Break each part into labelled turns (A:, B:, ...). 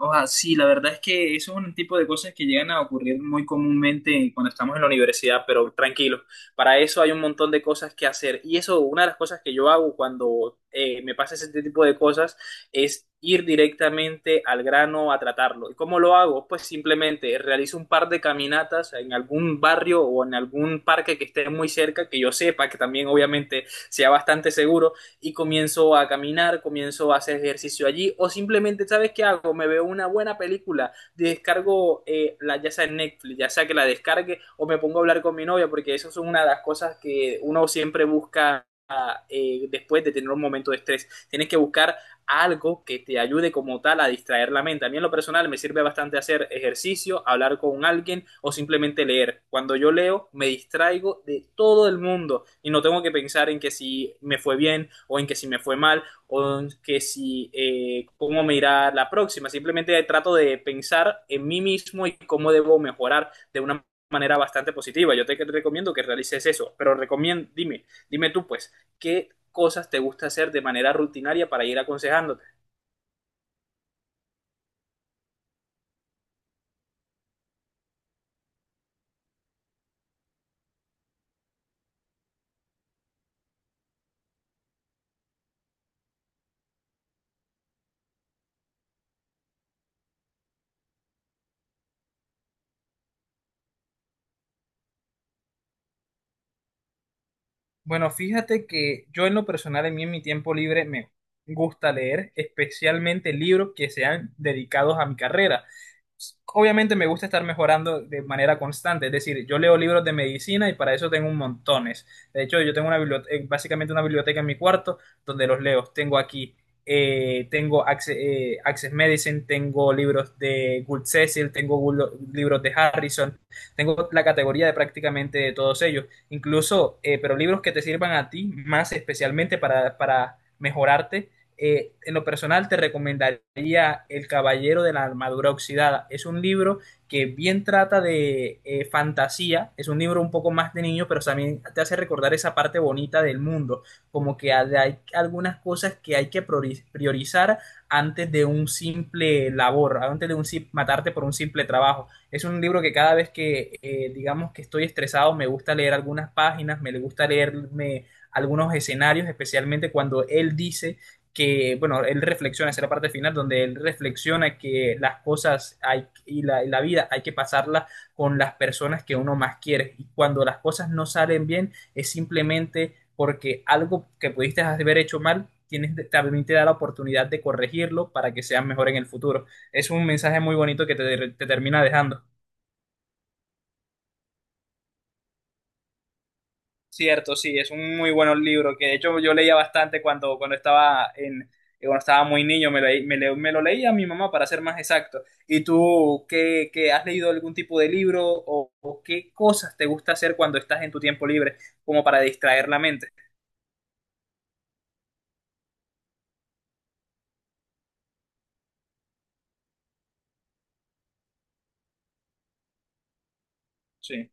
A: Oja, sí, la verdad es que eso es un tipo de cosas que llegan a ocurrir muy comúnmente cuando estamos en la universidad, pero tranquilo, para eso hay un montón de cosas que hacer. Y eso, una de las cosas que yo hago cuando me pasa ese tipo de cosas es ir directamente al grano a tratarlo. ¿Y cómo lo hago? Pues simplemente realizo un par de caminatas en algún barrio o en algún parque que esté muy cerca, que yo sepa que también obviamente sea bastante seguro y comienzo a caminar, comienzo a hacer ejercicio allí o simplemente, ¿sabes qué hago? Me veo una buena película, descargo ya sea en Netflix, ya sea que la descargue o me pongo a hablar con mi novia porque eso es una de las cosas que uno siempre busca después de tener un momento de estrés. Tienes que buscar algo que te ayude como tal a distraer la mente. A mí en lo personal me sirve bastante hacer ejercicio, hablar con alguien o simplemente leer. Cuando yo leo me distraigo de todo el mundo y no tengo que pensar en que si me fue bien o en que si me fue mal o en que si cómo me irá la próxima. Simplemente trato de pensar en mí mismo y cómo debo mejorar de una manera bastante positiva. Yo te recomiendo que realices eso, pero recomiendo, dime tú pues, ¿qué cosas te gusta hacer de manera rutinaria para ir aconsejando? Bueno, fíjate que yo en lo personal, en mí, en mi tiempo libre, me gusta leer especialmente libros que sean dedicados a mi carrera. Obviamente me gusta estar mejorando de manera constante, es decir, yo leo libros de medicina y para eso tengo un montones. De hecho, yo tengo una biblioteca, básicamente una biblioteca en mi cuarto donde los leo. Tengo aquí, tengo Access, Medicine, tengo libros de Gould Cecil, libros de Harrison, tengo la categoría de prácticamente de todos ellos incluso, pero libros que te sirvan a ti más especialmente para mejorarte. En lo personal te recomendaría El Caballero de la Armadura Oxidada. Es un libro que bien trata de fantasía, es un libro un poco más de niño, pero también te hace recordar esa parte bonita del mundo, como que hay algunas cosas que hay que priorizar antes de un simple labor, antes de un matarte por un simple trabajo. Es un libro que cada vez que, digamos, que estoy estresado, me gusta leer algunas páginas, me gusta leerme algunos escenarios, especialmente cuando él dice que, bueno, él reflexiona, esa es la parte final, donde él reflexiona que las cosas hay, y la vida hay que pasarla con las personas que uno más quiere. Y cuando las cosas no salen bien, es simplemente porque algo que pudiste haber hecho mal tienes, también te da la oportunidad de corregirlo para que seas mejor en el futuro. Es un mensaje muy bonito que te termina dejando. Cierto, sí, es un muy buen libro que de hecho yo leía bastante cuando estaba en, cuando estaba muy niño, me lo leía a mi mamá para ser más exacto. ¿Y tú qué has leído algún tipo de libro o qué cosas te gusta hacer cuando estás en tu tiempo libre como para distraer la mente? Sí,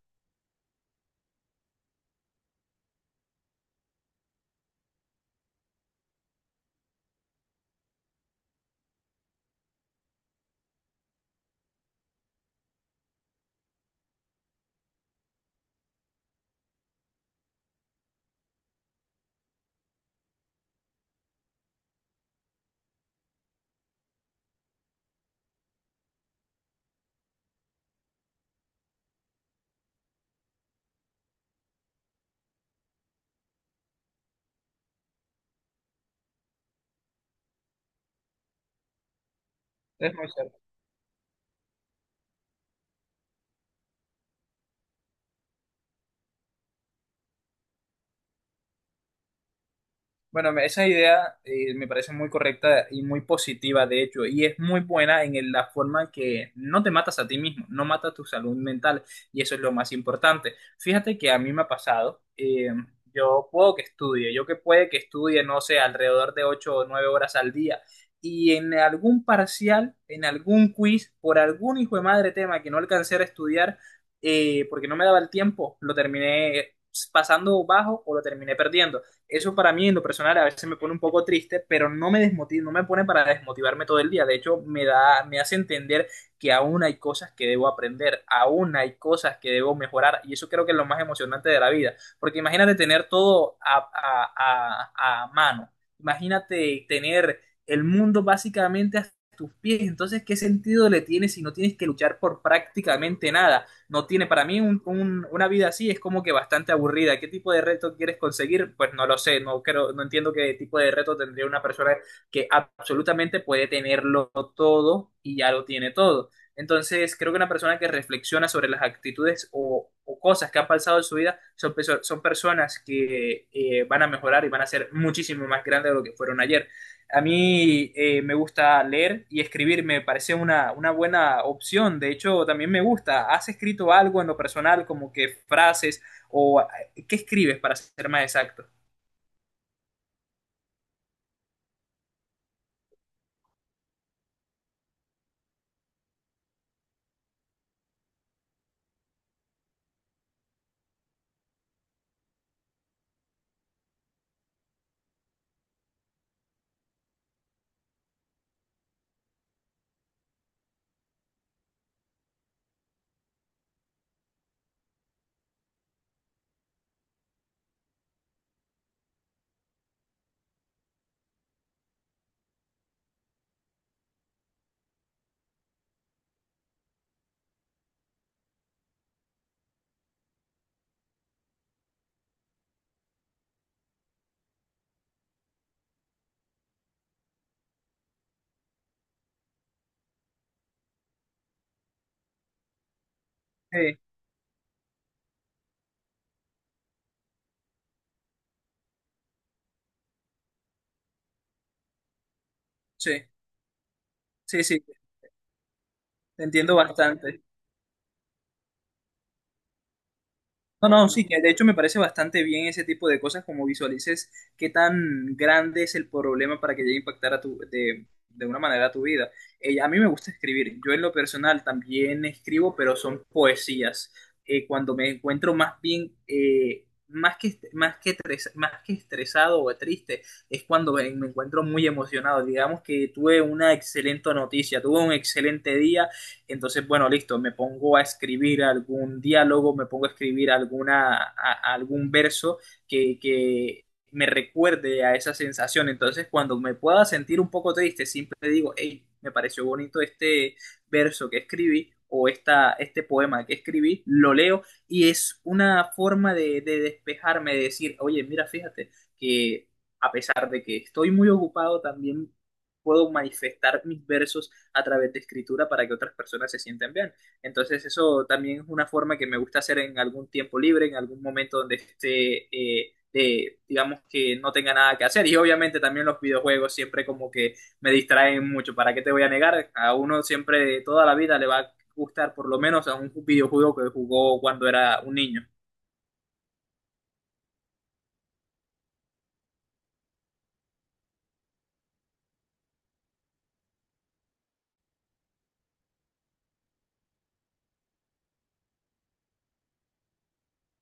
A: es muy cierto. Bueno, esa idea me parece muy correcta y muy positiva, de hecho, y es muy buena en la forma que no te matas a ti mismo, no matas tu salud mental, y eso es lo más importante. Fíjate que a mí me ha pasado, yo puedo que estudie, yo que puede que estudie, no sé, alrededor de 8, o 9 horas al día, y en algún parcial, en algún quiz, por algún hijo de madre tema que no alcancé a estudiar, porque no me daba el tiempo, lo terminé pasando bajo o lo terminé perdiendo. Eso para mí en lo personal a veces me pone un poco triste, pero no me desmotiva, no me pone para desmotivarme todo el día. De hecho, me hace entender que aún hay cosas que debo aprender, aún hay cosas que debo mejorar, y eso creo que es lo más emocionante de la vida, porque imagínate tener todo a mano, imagínate tener el mundo básicamente a tus pies, entonces, ¿qué sentido le tiene si no tienes que luchar por prácticamente nada? No tiene para mí una vida así es como que bastante aburrida. ¿Qué tipo de reto quieres conseguir? Pues no lo sé, no creo, no entiendo qué tipo de reto tendría una persona que absolutamente puede tenerlo todo y ya lo tiene todo. Entonces, creo que una persona que reflexiona sobre las actitudes o cosas que han pasado en su vida son personas que van a mejorar y van a ser muchísimo más grandes de lo que fueron ayer. A mí me gusta leer y escribir, me parece una buena opción. De hecho, también me gusta. ¿Has escrito algo en lo personal, como que frases o qué escribes para ser más exacto? Sí, sí, sí, te entiendo bastante. No, no, sí, que de hecho me parece bastante bien ese tipo de cosas, como visualices qué tan grande es el problema para que llegue a impactar a de una manera a tu vida. A mí me gusta escribir, yo en lo personal también escribo, pero son poesías. Cuando me encuentro más bien, más que estresado o triste, es cuando me encuentro muy emocionado. Digamos que tuve una excelente noticia, tuve un excelente día entonces, bueno, listo, me pongo a escribir algún diálogo, me pongo a escribir algún verso que me recuerde a esa sensación. Entonces, cuando me pueda sentir un poco triste, siempre digo, hey, me pareció bonito este verso que escribí o este poema que escribí, lo leo y es una forma de despejarme, de decir, oye, mira, fíjate que a pesar de que estoy muy ocupado, también puedo manifestar mis versos a través de escritura para que otras personas se sientan bien. Entonces eso también es una forma que me gusta hacer en algún tiempo libre, en algún momento donde esté, digamos que no tenga nada que hacer. Y obviamente también los videojuegos siempre como que me distraen mucho. ¿Para qué te voy a negar? A uno siempre toda la vida le va a gustar por lo menos a un videojuego que jugó cuando era un niño.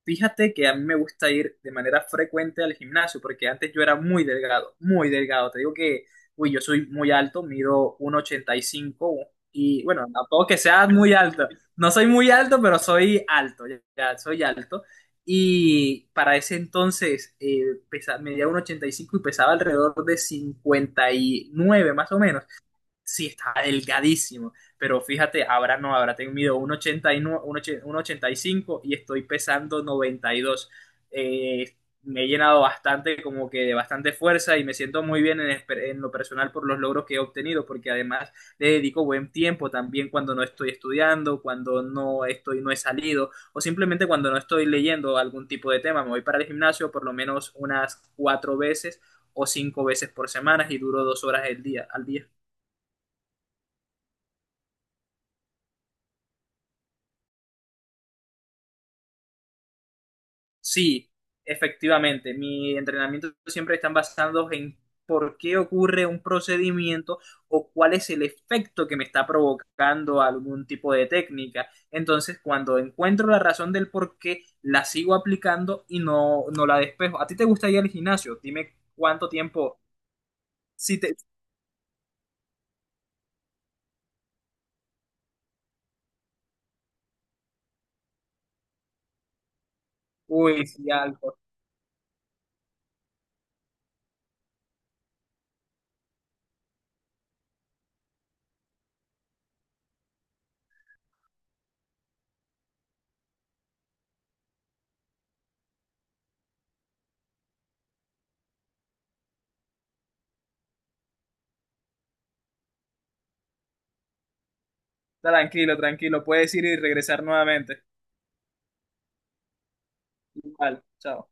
A: Fíjate que a mí me gusta ir de manera frecuente al gimnasio, porque antes yo era muy delgado, muy delgado. Te digo que, uy, yo soy muy alto, mido 1,85 y cinco y bueno, tampoco que sea muy alto. No soy muy alto, pero soy alto, ya, ya soy alto. Y para ese entonces medía 1,85 y cinco y pesaba alrededor de 59 más o menos. Sí, está delgadísimo. Pero fíjate, ahora no, ahora tengo mido 1,89, ochenta y nueve, uno ochenta y cinco y estoy pesando 92. Eh, Me he llenado bastante, como que de bastante fuerza y me siento muy bien en, en lo personal por los logros que he obtenido, porque además le dedico buen tiempo también cuando no estoy estudiando, cuando no estoy, no he salido o simplemente cuando no estoy leyendo algún tipo de tema. Me voy para el gimnasio por lo menos unas 4 veces o 5 veces por semana y duro 2 horas el día, al día. Sí, efectivamente. Mi entrenamiento siempre están basados en por qué ocurre un procedimiento o cuál es el efecto que me está provocando algún tipo de técnica. Entonces, cuando encuentro la razón del por qué, la sigo aplicando y no, no la despejo. ¿A ti te gusta ir al gimnasio? Dime cuánto tiempo. Si te... Uy, sí, algo. Tranquilo, tranquilo. Puedes ir y regresar nuevamente. Igual, chao.